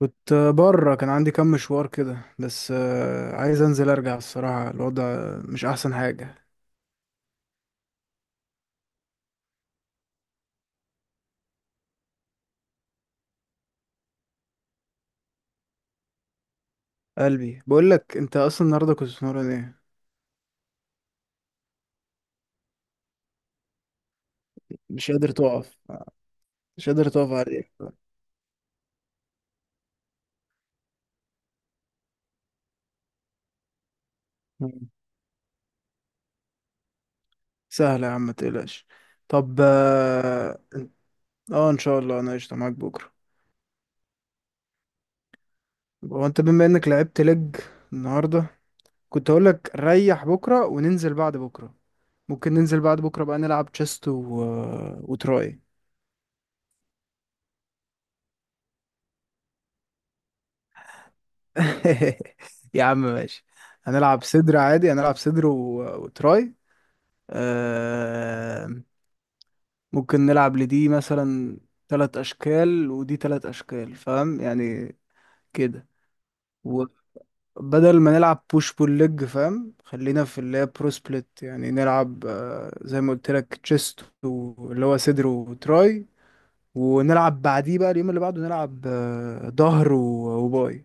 كنت بره كان عندي كام مشوار كده بس عايز انزل ارجع. الصراحة الوضع مش احسن حاجة. قلبي بقول لك، انت اصلا النهارده كنت بتمرن ايه؟ مش قادر تقف. مش قادر تقف عليك. مم. سهلة يا عم، ما تقلقش. طب اه. ان شاء الله انا قشطة معاك بكرة. هو انت بما انك لعبت لج النهارده، كنت اقول لك ريح بكرة وننزل بعد بكرة. ممكن ننزل بعد بكرة بقى نلعب تشيست وتراي. يا عم ماشي. هنلعب صدر عادي، هنلعب صدر وتراي. آه... ممكن نلعب لدي مثلا، ثلاث اشكال ودي ثلاث اشكال، فاهم يعني كده. وبدل ما نلعب بوش بول ليج، فاهم، خلينا في اللي هي برو سبليت، يعني نلعب زي ما قلت لك تشيست، واللي هو صدر وتراي. ونلعب بعديه بقى، اليوم اللي بعده نلعب ظهر وباي.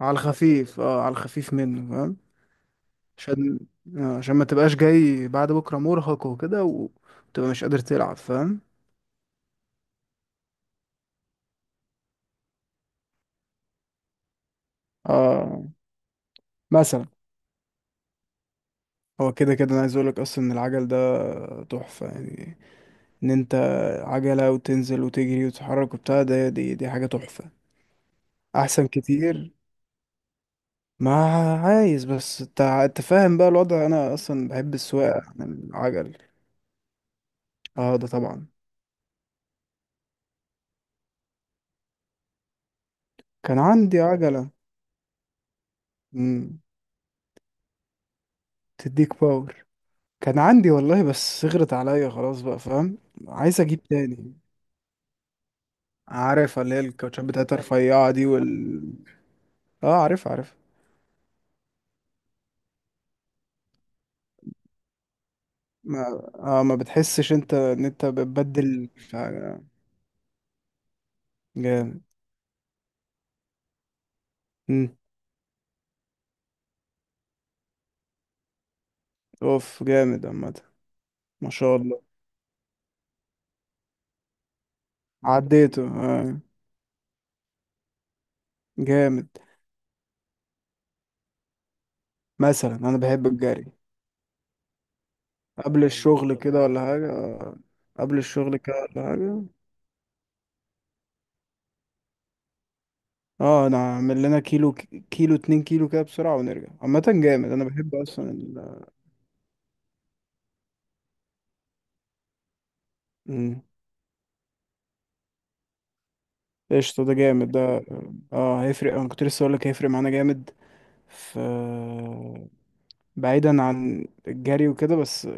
على الخفيف، اه على الخفيف منه فاهم. عشان عشان ما تبقاش جاي بعد بكرة مرهق وكده وتبقى مش قادر تلعب، فاهم؟ اه مثلا. هو كده كده انا عايز اقولك اصلا ان العجل ده تحفة يعني، ان انت عجلة وتنزل وتجري وتتحرك وبتاع ده، دي حاجة تحفة. احسن كتير. ما عايز بس انت فاهم بقى الوضع، انا اصلا بحب السواقة عن العجل. اه ده طبعا. كان عندي عجلة. مم. تديك باور. كان عندي والله، بس صغرت عليا خلاص بقى فاهم. عايز اجيب تاني. عارف اللي هي الكاوتشات بتاعتها الرفيعة دي اه، عارف عارف. ما اه، ما بتحسش انت ان انت بتبدل جامد. مم. اوف جامد عامة. ما شاء الله. عديته آه. جامد. مثلا انا بحب الجري. قبل الشغل كده ولا حاجة آه. قبل الشغل كده ولا حاجة. اه، انا اعمل لنا كيلو، كيلو اتنين كيلو كده بسرعة ونرجع. عامة جامد، انا بحب اصلا مم. قشطة، ده جامد ده. اه هيفرق، انا كنت لسه هقولك هيفرق معانا جامد. ف بعيدا عن الجري وكده، بس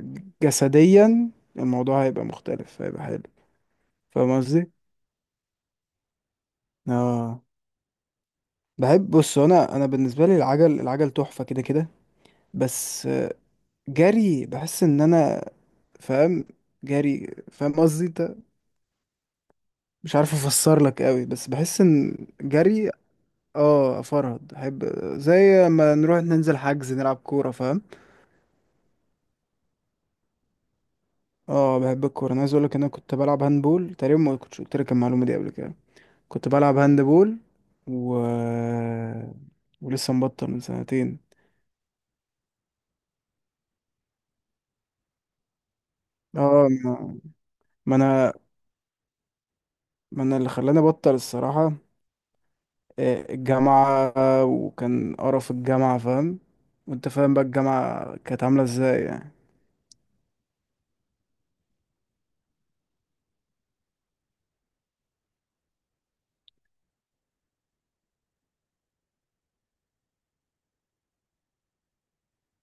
جسديا الموضوع هيبقى مختلف، هيبقى حلو. فاهم قصدي؟ اه بحب. بص انا بالنسبة لي العجل العجل تحفة كده كده. بس جري، بحس ان انا فاهم. جري، فاهم قصدي انت. مش عارف افسر لك قوي، بس بحس ان جري. اه افرهد، احب زي ما نروح ننزل حجز نلعب كورة، فاهم. اه بحب الكوره، انا عايز اقول لك ان انا كنت بلعب هاندبول تقريبا. ما كنتش قلت لك المعلومه دي قبل كده. كنت بلعب هاندبول، و ولسه مبطل من سنتين. اه ما. ما انا، ما انا اللي خلاني ابطل الصراحه. الجامعه، وكان قرف الجامعه فاهم. وانت فاهم بقى الجامعه كانت عامله ازاي يعني.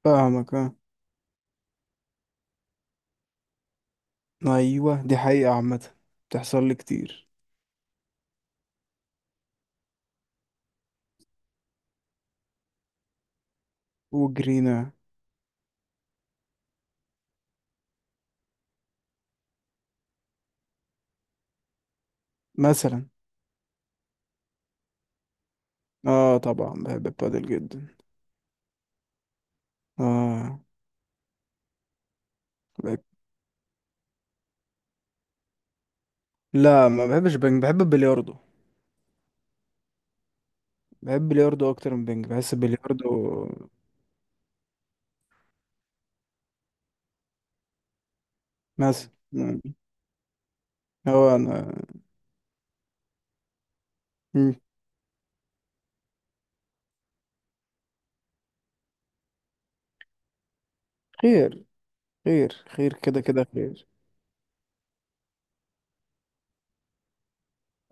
فاهمك اه. ايوه دي حقيقه عامه، بتحصل لي كتير. وجرينا مثلا. اه طبعا بحب البادل جدا. اه لا، ما بحبش بنج، بحب البلياردو. بحب البلياردو اكتر من بنج، بحس البلياردو. مثلا. هو انا. مم. خير. خير خير كده كده خير.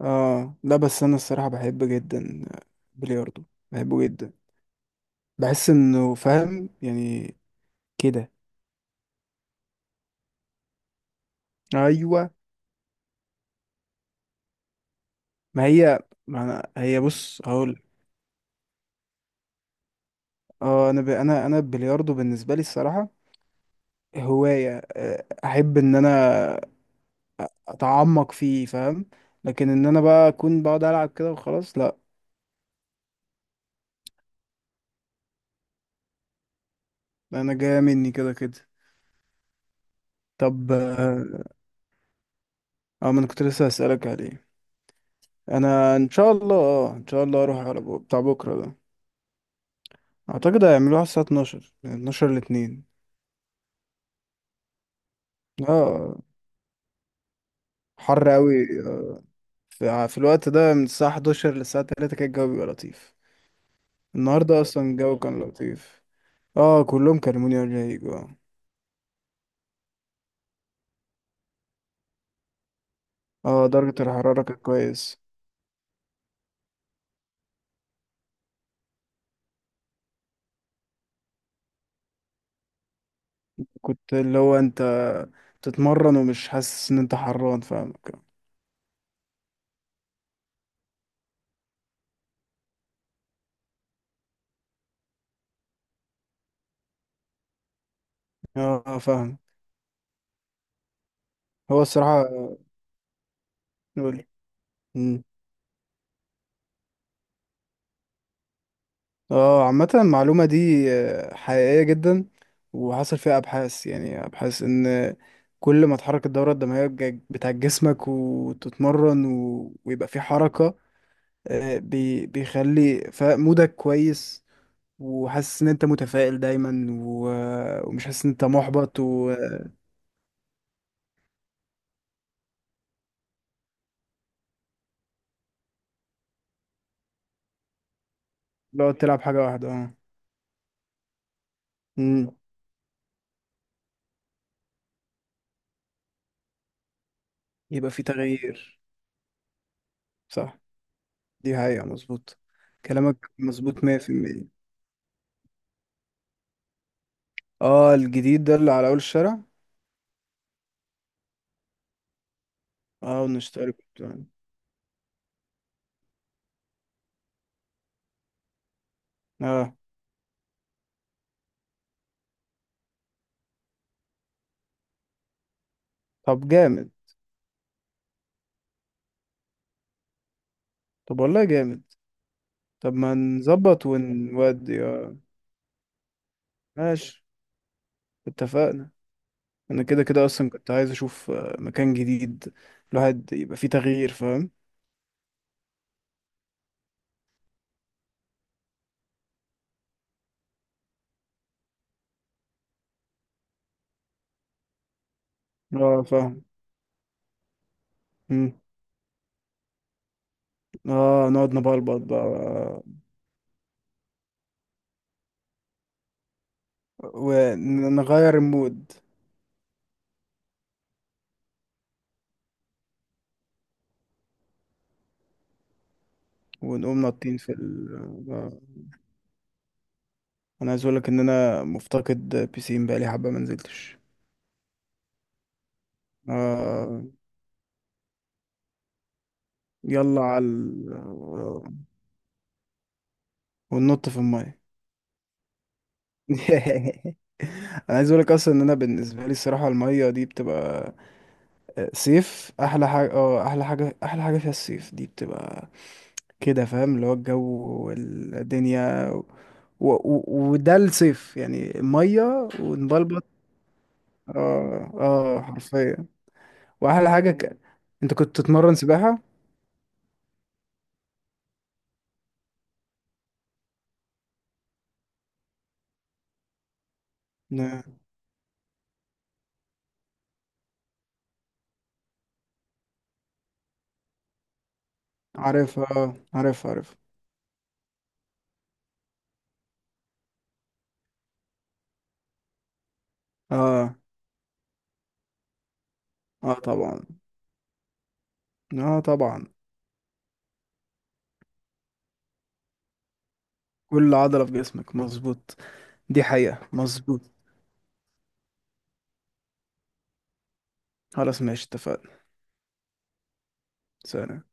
اه لا، بس انا الصراحة بحب جدا بلياردو، بحبه جدا. بحس انه فاهم يعني كده. ايوه. ما هي، ما أنا هي بص هقول. اه انا انا البلياردو بالنسبة لي الصراحة هواية. احب ان انا اتعمق فيه فاهم. لكن ان انا بقى اكون بقعد العب كده وخلاص، لا. انا جايه مني كده كده. طب اه. ما انا كنت لسه هسألك عليه. انا ان شاء الله، اه ان شاء الله اروح على بتاع بكره ده. اعتقد هيعملوها على الساعه 12، من 12 ل 2. اه حر قوي. في الوقت ده، من الساعه 11 للساعه 3 كان الجو بيبقى لطيف. النهارده اصلا الجو كان لطيف. اه كلهم كلموني قبل ما يجوا. اه درجه الحراره كانت كويس كنت اللي هو انت تتمرن ومش حاسس ان انت حران، فاهمك؟ اه فاهم. هو الصراحة نقول، اه عامة المعلومة دي حقيقية جدا. وحصل فيها ابحاث، يعني ابحاث ان كل ما تحرك الدورة الدموية بتاعت جسمك وتتمرن ويبقى في حركة، بيخلي مودك كويس. وحاسس ان انت متفائل دايما ومش حاسس ان انت محبط ولو تلعب حاجة واحدة. اه يبقى في تغيير. صح. دي حقيقة مظبوط. كلامك مظبوط 100%. اه الجديد ده اللي على اول الشارع. اه، ونشتري برتقال. اه. طب جامد. طب والله جامد. طب ما نظبط ونودي اه. ماشي اتفقنا. انا كده كده اصلا كنت عايز اشوف مكان جديد. الواحد يبقى فيه تغيير فاهم. اه فاهم. مم. اه، نقعد نبلبط بقى ونغير المود. ونقوم نطين في آه، انا عايز اقولك ان انا مفتقد بيسين بقالي حبه ما نزلتش. آه، يلا على وننط في الميه. انا عايز اقولك اصلا ان انا بالنسبه لي الصراحه، الميه دي بتبقى صيف احلى حاجه. اه احلى حاجه، احلى حاجه فيها الصيف، دي بتبقى كده فاهم. اللي هو الجو والدنيا و... وده الصيف يعني، ميه ونبلبط. اه اه حرفيا. واحلى حاجه انت كنت تتمرن سباحه؟ عارفها، اه عارفها عارفها. اه اه طبعا. اه طبعا. كل عضلة في جسمك، مظبوط. دي حقيقة مظبوط. خلاص ماشي اتفقنا. سلام.